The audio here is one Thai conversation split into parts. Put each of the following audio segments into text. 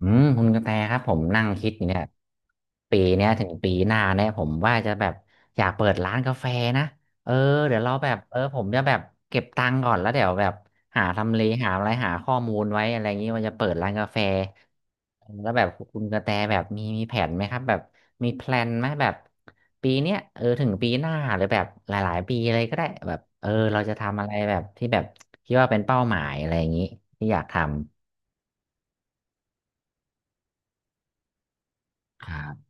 อืมคุณกระแตครับผมนั่งคิดอยู่เนี่ยปีเนี้ยถึงปีหน้าเนี่ยผมว่าจะแบบอยากเปิดร้านกาแฟนะเออเดี๋ยวเราแบบเออผมจะแบบเก็บตังค์ก่อนแล้วเดี๋ยวแบบหาทำเลหาอะไรหาข้อมูลไว้อะไรอย่างนี้ว่าจะเปิดร้านกาแฟเออแล้วแบบคุณกระแตแบบมีแผนไหมครับแบบมีแพลนไหมแบบปีเนี้ยเออถึงปีหน้าหรือแบบหลายๆปีเลยก็ได้แบบเออเราจะทำอะไรแบบที่แบบคิดว่าเป็นเป้าหมายอะไรอย่างนี้ที่อยากทำครับ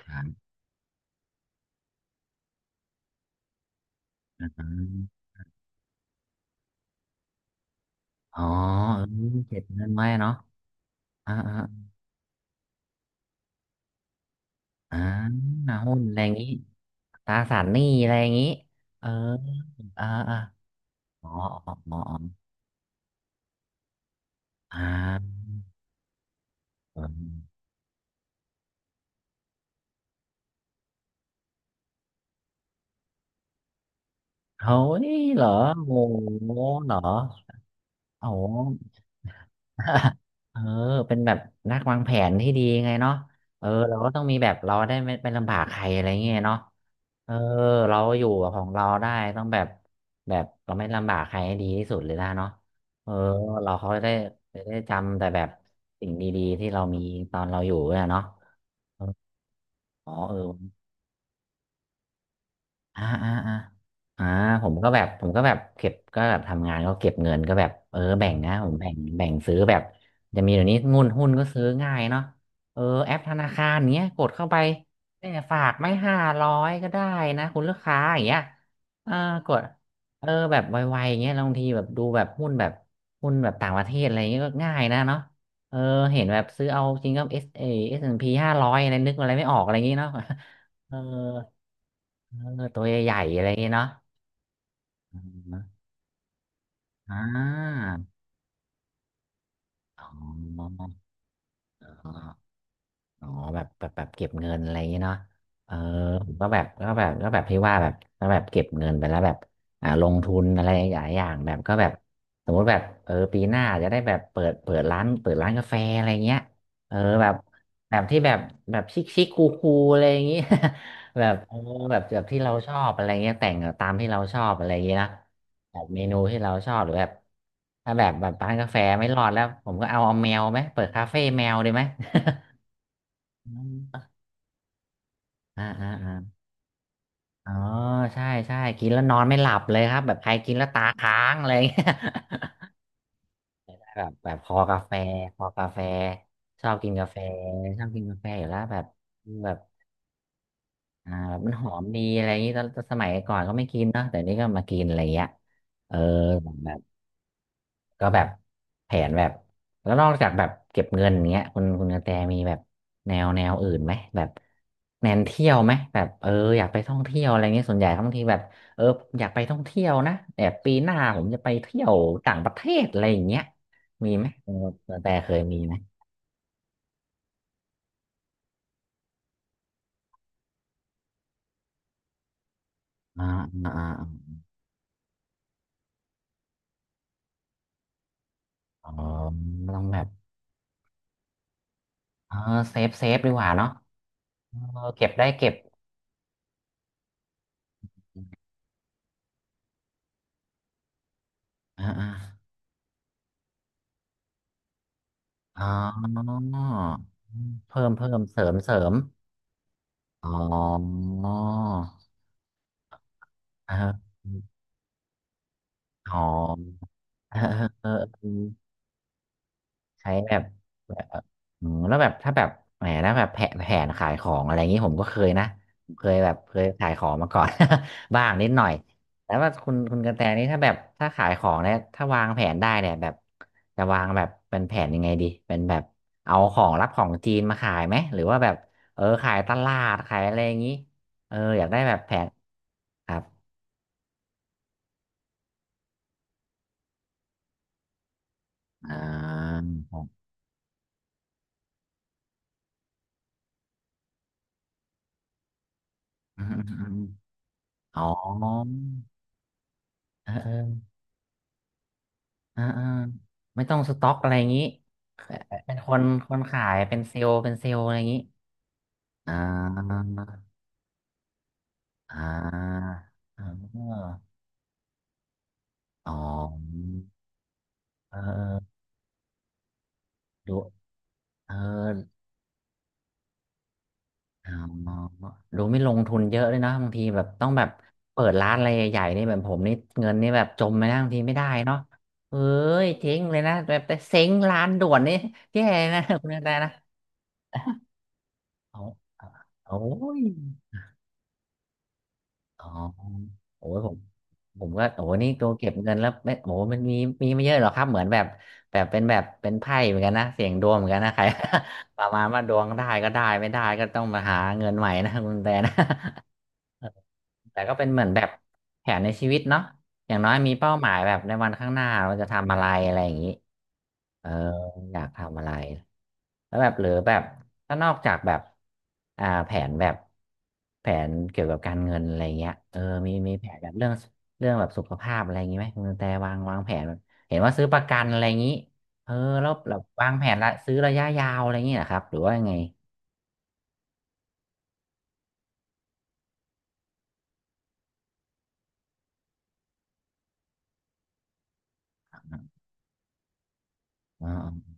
ครับ อ๋อเออเก็บเงินไว้เนาะอ่าอ่าอ่านาหุ้นอะไรอย่างงี้ตราสารหนี้อะไรอย่างงี้ เออ อ่าอ่าอ๋ออ๋ออ๋ออ๋ออ่าเออเฮ้ยเหรอโอ้โหเหรอโอ้โห เออเป็นแบบนักวางแผนที่ดีไงเนาะเออเราก็ต้องมีแบบเราได้ไม่ไปลำบากใครอะไรเงี้ยเนาะเออเราอยู่ของเราได้ต้องแบบแบบเราไม่ลำบากใครให้ดีที่สุดเลยนะเนาะเออเราเขาได้จะได้จำแต่แบบสิ่งดีๆที่เรามีตอนเราอยู่เนี่ยเนาะเอออ๋อเออ อ่าอ่าอ่าอ่าผมก็แบบเก็บก็แบบทำงานก็เก็บเงินก็แบบเออแบ่งนะผมแบ่งซื้อแบบจะมีเดี๋ยวนี้งุนหุ้นก็ซื้อง่ายเนาะเออแอปธนาคารเนี้ยกดเข้าไปเนี่ยฝากไม่ห้าร้อยก็ได้นะคุณลูกค้าอย่างเงี้ยเออกดเออแบบไวๆอย่างเงี้ยแล้วบางทีแบบดูแบบหุ้นแบบหุ้นแบบต่างประเทศอะไรเงี้ยก็ง่ายนะเนาะเออเห็นแบบซื้อเอาจริงก็S&P 500อะไรนึกอะไรไม่ออกอะไรเงงี้ยเนาะ เออ เออตัวใหญ่ๆอะไรอย่างเงี้ยเนาะอมอ่าออ๋อ อ๋อแบบเก็บเงินอะไรอย่างเงี้ยเนาะเออผมก็แบบที่ว่าแบบก็แบบเก็บเงินไปแล้วแบบอ่าลงทุนอะไรหลายอย่างแบบก็แบบสมมติแบบเออปีหน้าจะได้แบบเปิดร้านกาแฟอะไรเงี้ยเออแบบแบบที่แบบแบบชิคชิคคูคูอะไรอย่างงี้ แบบเออแบบแบบที่เราชอบอะไรเงี้ยแต่งตามที่เราชอบอะไรอย่างงี้นะแบบเมนูที่เราชอบหรือแบบถ้าแบบแบบร้านกาแฟไม่รอดแล้วผมก็เอาเอาแมวไหมเปิดคาเฟ่แมวดีไหม อมอ่าอ่าอ่าอ๋อใช่ใช่กินแล้วนอนไม่หลับเลยครับแบบใครกินแล้วตาค้างอะไรอย่างเงี้ย แบบ แบบคอกาแฟคอกาแฟชอบกินกาแฟชอบกินกาแฟอยู่แล้วแบบแบบอ่าแบบมันหอมดีอะไรอย่างงี้ตอนสมัยก่อนก็ไม่กินเนาะแต่นี่ก็มากินอะไรอย่างเงี้ยเออ ก็แบบแผนแบบแล้วนอกจากแบบเก็บเงินอย่างเงี้ยคุณกระแตมีแบบแนวอื่นไหมแบบแนนเที่ยวไหมแบบเอออยากไปท่องเที่ยวอะไรเงี้ยส่วนใหญ่บางทีแบบเอออยากไปท่องเที่ยวนะแต่ปีหน้าผมจะไปเที่ยวต่างประเทศอะไรอย่างเงี้ยมีไหมคุณกระแตเคยมีไหมอ่าอ่าอาอ๋อต้องแบบเออเซฟดีกว่าเนาะเออเก็บได้เก็บอ่าอ่าอ๋อเพิ่มเสริม อ๋อเอออ๋อ เออเออเออใช้แบบแบบอืมแล้วแบบถ้าแบบแหมแล้วแบบแผนขายของอะไรอย่างนี้ผมก็เคยนะผมเคยแบบเคยขายของมาก่อน บ้างนิดหน่อยแล้วว่าคุณกระแตนี่ถ้าแบบถ้าขายของเนี่ยถ้าวางแผนได้เนี่ยแบบจะวางแบบเป็นแผนยังไงดีเป็นแบบเอาของรับของจีนมาขายไหมหรือว่าแบบเออขายตลาดขายอะไรอย่างนี้เอออยากได้แบบแผนครับ อ่า ผมอืมอืมอืมอ๋อเออเออเออเออไม่ต้องสต็อกอะไรอย่างนี้เอ่อเป็นคนคนขายเป็นเซลล์เป็นเซลล์อะไรอย่างนี้อ่าอ่าอ่าอ๋อเออเออดูเออ อ๋อดูไม่ลงทุนเยอะเลยนะบางทีแบบต้องแบบเปิดร้านอะไรใหญ่ๆนี่แบบผมนี่เงินนี่แบบจมไปนะบางทีไม่ได้เนาะเอ้ยเจ๊งเลยนะแบบแต่เซ้งร้านด่วนนี่แย่นะ คุณกระแตนะเอาโอ้ยอ๋อโอ้ยผมผมก็โอ้นี่ตัวเก็บเงินแล้วไม่โอ้มันมีไม่เยอะหรอกครับเหมือนแบบแบบเป็นแบบเป็นไพ่เหมือนกันนะเสี่ยงดวงเหมือนกันนะใคร ประมาณว่าดวงได้ก็ได้ไม่ได้ก็ต้องมาหาเงินใหม่นะคุณกระแตนะ แต่ก็เป็นเหมือนแบบแผนในชีวิตเนาะอย่างน้อยมีเป้าหมายแบบในวันข้างหน้าเราจะทำอะไรอะไรอย่างนี้เอออยากทำอะไรแล้วแบบหรือแบบถ้านอกจากแบบแผนแบบแผนเกี่ยวกับการเงินอะไรเงี้ยเออมีแผนแบบเรื่องเรื่องแบบสุขภาพอะไรอย่างงี้ไหมคุณกระแต่วางแผนแบบเห็นว่าซื้อประกันอะไรอย่างงี้เออแล้วแบบวางแผนละซื้อระยะยาวอะไรอย่างงี้นะครับหรือว่ายังไงอ๋อ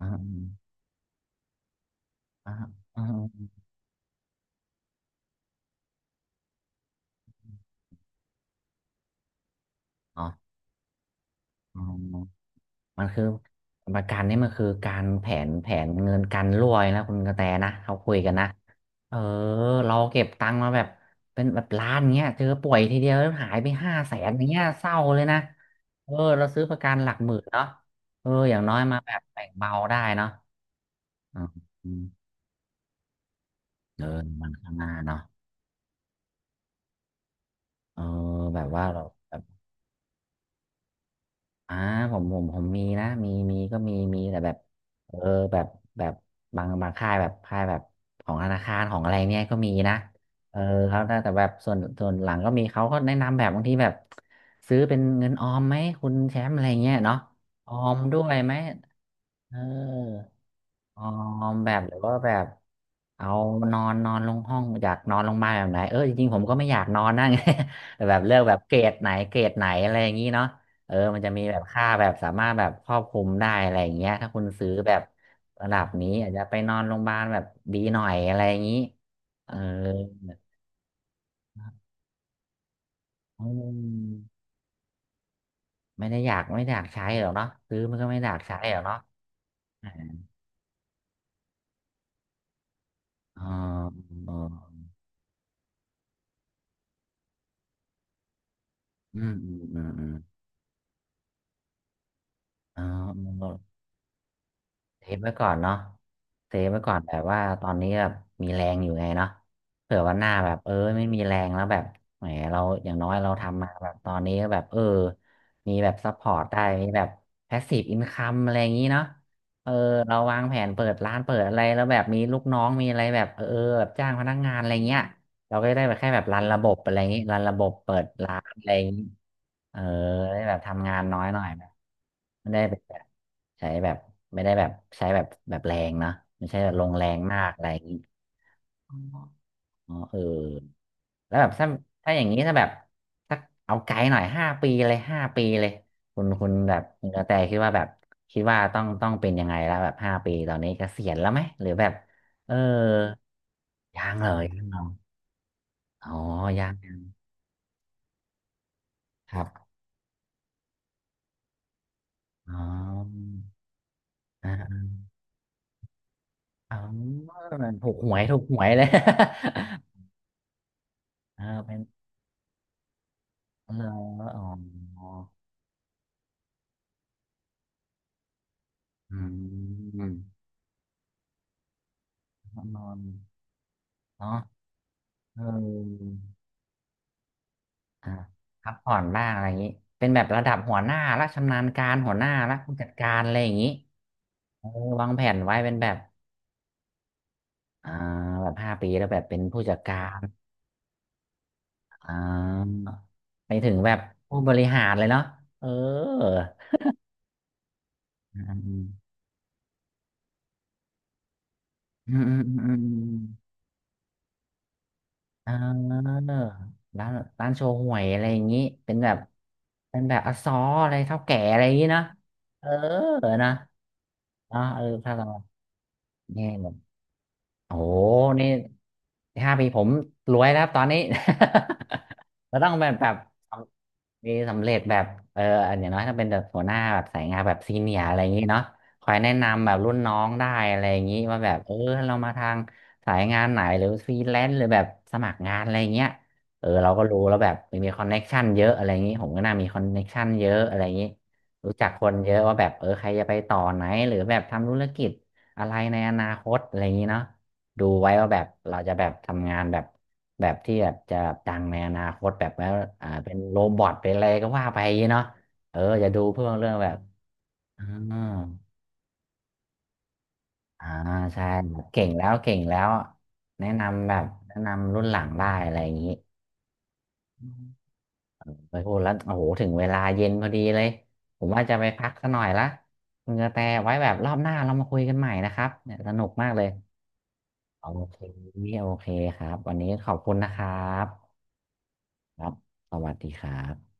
อ๋ออ๋ออ๋ออ๋อ มันคือประกันนี่มันคือการแผนเงินกันรั่วนะคุณกระแตนะเขาคุยกันนะเออเราเก็บตังค์มาแบบเป็นแบบล้านเงี้ยเจอป่วยทีเดียวแล้วหายไปห้าแสนอย่างเงี้ยเศร้าเลยนะเออเราซื้อประกันหลักหมื่นเนาะเอออย่างน้อยมาแบบแบ่งเบาได้เนาะอืมเออมันข้างหน้าเนาะเออแบบว่าเรา อ่าผมมีนะมีก็มีแต่แบบเออแบบแบบบางค่ายแบบค่ายแบบของธนาคารของอะไรเนี่ยก็มีนะเออเขาแต่แบบส่วนหลังก็มีเขาก็แนะนำแบบบางทีแบบซื้อเป็นเงินออมไหมคุณแชมป์อะไรเงี้ยเนาะออมด้วยไหมเออ อ๋อแบบหรือว่าแบบเอานอนนอนลงห้องอยากนอนลงมาแบบไหนเออจริงๆผมก็ไม่อยากนอนนะ ไงแต่แบบเลือกแบบเกรดไหนอะไรอย่างนี้เนาะเออมันจะมีแบบค่าแบบสามารถแบบครอบคลุมได้อะไรอย่างเงี้ยถ้าคุณซื้อแบบระดับนี้อาจจะไปนอนโรงพยาบาลแบบดีหน่อยอะไรอย่างนี้เอออืมไม่ได้อยากใช้หรอกเนาะซื้อมันก็ไม่ได้อยากใช้หรอกเนาะอ๋ออ๋ออืมอืมอืมอืมอ๋อ เซฟไว้ก่อนเนาะเซฟไว้ก่อนแบบว่าตอนนี้แบบมีแรงอยู่ไงเนาะเผื่อวันหน้าแบบเออไม่มีแรงแล้วแบบแหมเราอย่างน้อยเราทำมาแบบตอนนี้ก็แบบเออมีแบบซัพพอร์ตได้มีแบบแพสซีฟอินคัมอะไรอย่างนี้เนาะเออเราวางแผนเปิดร้านเปิดอะไรแล้วแบบมีลูกน้องมีอะไรแบบเออแบบจ้างพนักงานอะไรเงี้ย เราก็จะได้แบบแค่แบบรันระบบอะไรอย่างนี้รันระบบเปิดร้านอะไรอย่างนี้เออได้แบบทำงานน้อยหน่อยแบบไม่ได้แบบใช้แบบไม่ได้แบบใช้แบบแบบแรงเนอะไม่ใช่แบบลงแรงมากอะไรอย่างนี้อ๋ออ๋อเออแล้วแบบถ้าอย่างนี้ถ้าแบบถ้าเอาไกลหน่อยห้าปีเลยคุณแบบคุณกระแตคิดว่าแบบคิดว่าต้องเป็นยังไงแล้วแบบห้าปีตอนนี้เกษียณแล้วไหมหรือแบบเออยังเลยยังเหรออ๋อยังครับ อ๋ออ่าอ๋อถูกหวยเลย เออเป็นเอออ๋ออืมนอนเนาะเอออ่าพักผ่อนบ้างอะไรอย่างนี้เป็นแบบระดับหัวหน้าละชำนาญการหัวหน้าละผู้จัดการอะไรอย่างนี้เออวางแผนไว้เป็นแบบ อ่าแบบห้าปีแล้วแบบเป็นผู้จัดการอ่าไปถึงแบบผู้บริหารเลยเนาะเอออืมอืมอืมอืมอืม เออร้านโชห่วยอะไรอย่างนี้เป็นแบบ เป็นแบบอซออะไรเท่าแก่อะไรอย่างนี้เนอะเออนะอนาะเออถ้าเราเนี่ย โอ้โหนี่ห้าปีผมรวยแล้วครับตอนนี้ เราต้องแบบแบบมีสำเร็จแบบเอออย่างน้อยถ้าเป็นแบบหัวหน้าแบบสายงานแบบซีเนียอะไรอย่างนี้เนาะคอยแนะนำแบบรุ่นน้องได้อะไรอย่างนี้ว่าแบบเออเรามาทางสายงานไหนหรือฟรีแลนซ์หรือแบบสมัครงานอะไรอย่างเงี้ยเออเราก็รู้แล้วแบบมีคอนเน็กชันเยอะอะไรอย่างนี้ผมก็น่ามีคอนเน็กชันเยอะอะไรอย่างนี้รู้จักคนเยอะว่าแบบเออใครจะไปต่อไหนหรือแบบทำธุรกิจอะไรในอนาคตอะไรอย่างนี้เนาะ ดูไว้ว่าแบบเราจะแบบทำงานแบบแบบที่แบบจะดังในอนาคตแบบว่าเป็นโรบอทเป็นอะไรก็ว่าไปเนาะเอออย่าดูเพื่อเรื่องแบบอ่าอ่าใช่แบบเก่งแล้วแนะนำแบบแนะนำรุ่นหลังได้อะไรอย่างนี้อืมไปพูดแล้วโอ้โหถึงเวลาเย็นพอดีเลยผมว่าจะไปพักสักหน่อยละคุณกระแตไว้แบบรอบหน้าเรามาคุยกันใหม่นะครับเนี่ยสนุกมากเลยโอเคโอเคครับวันนี้ขอบคุณนะครับ ครับสวัสดีครับ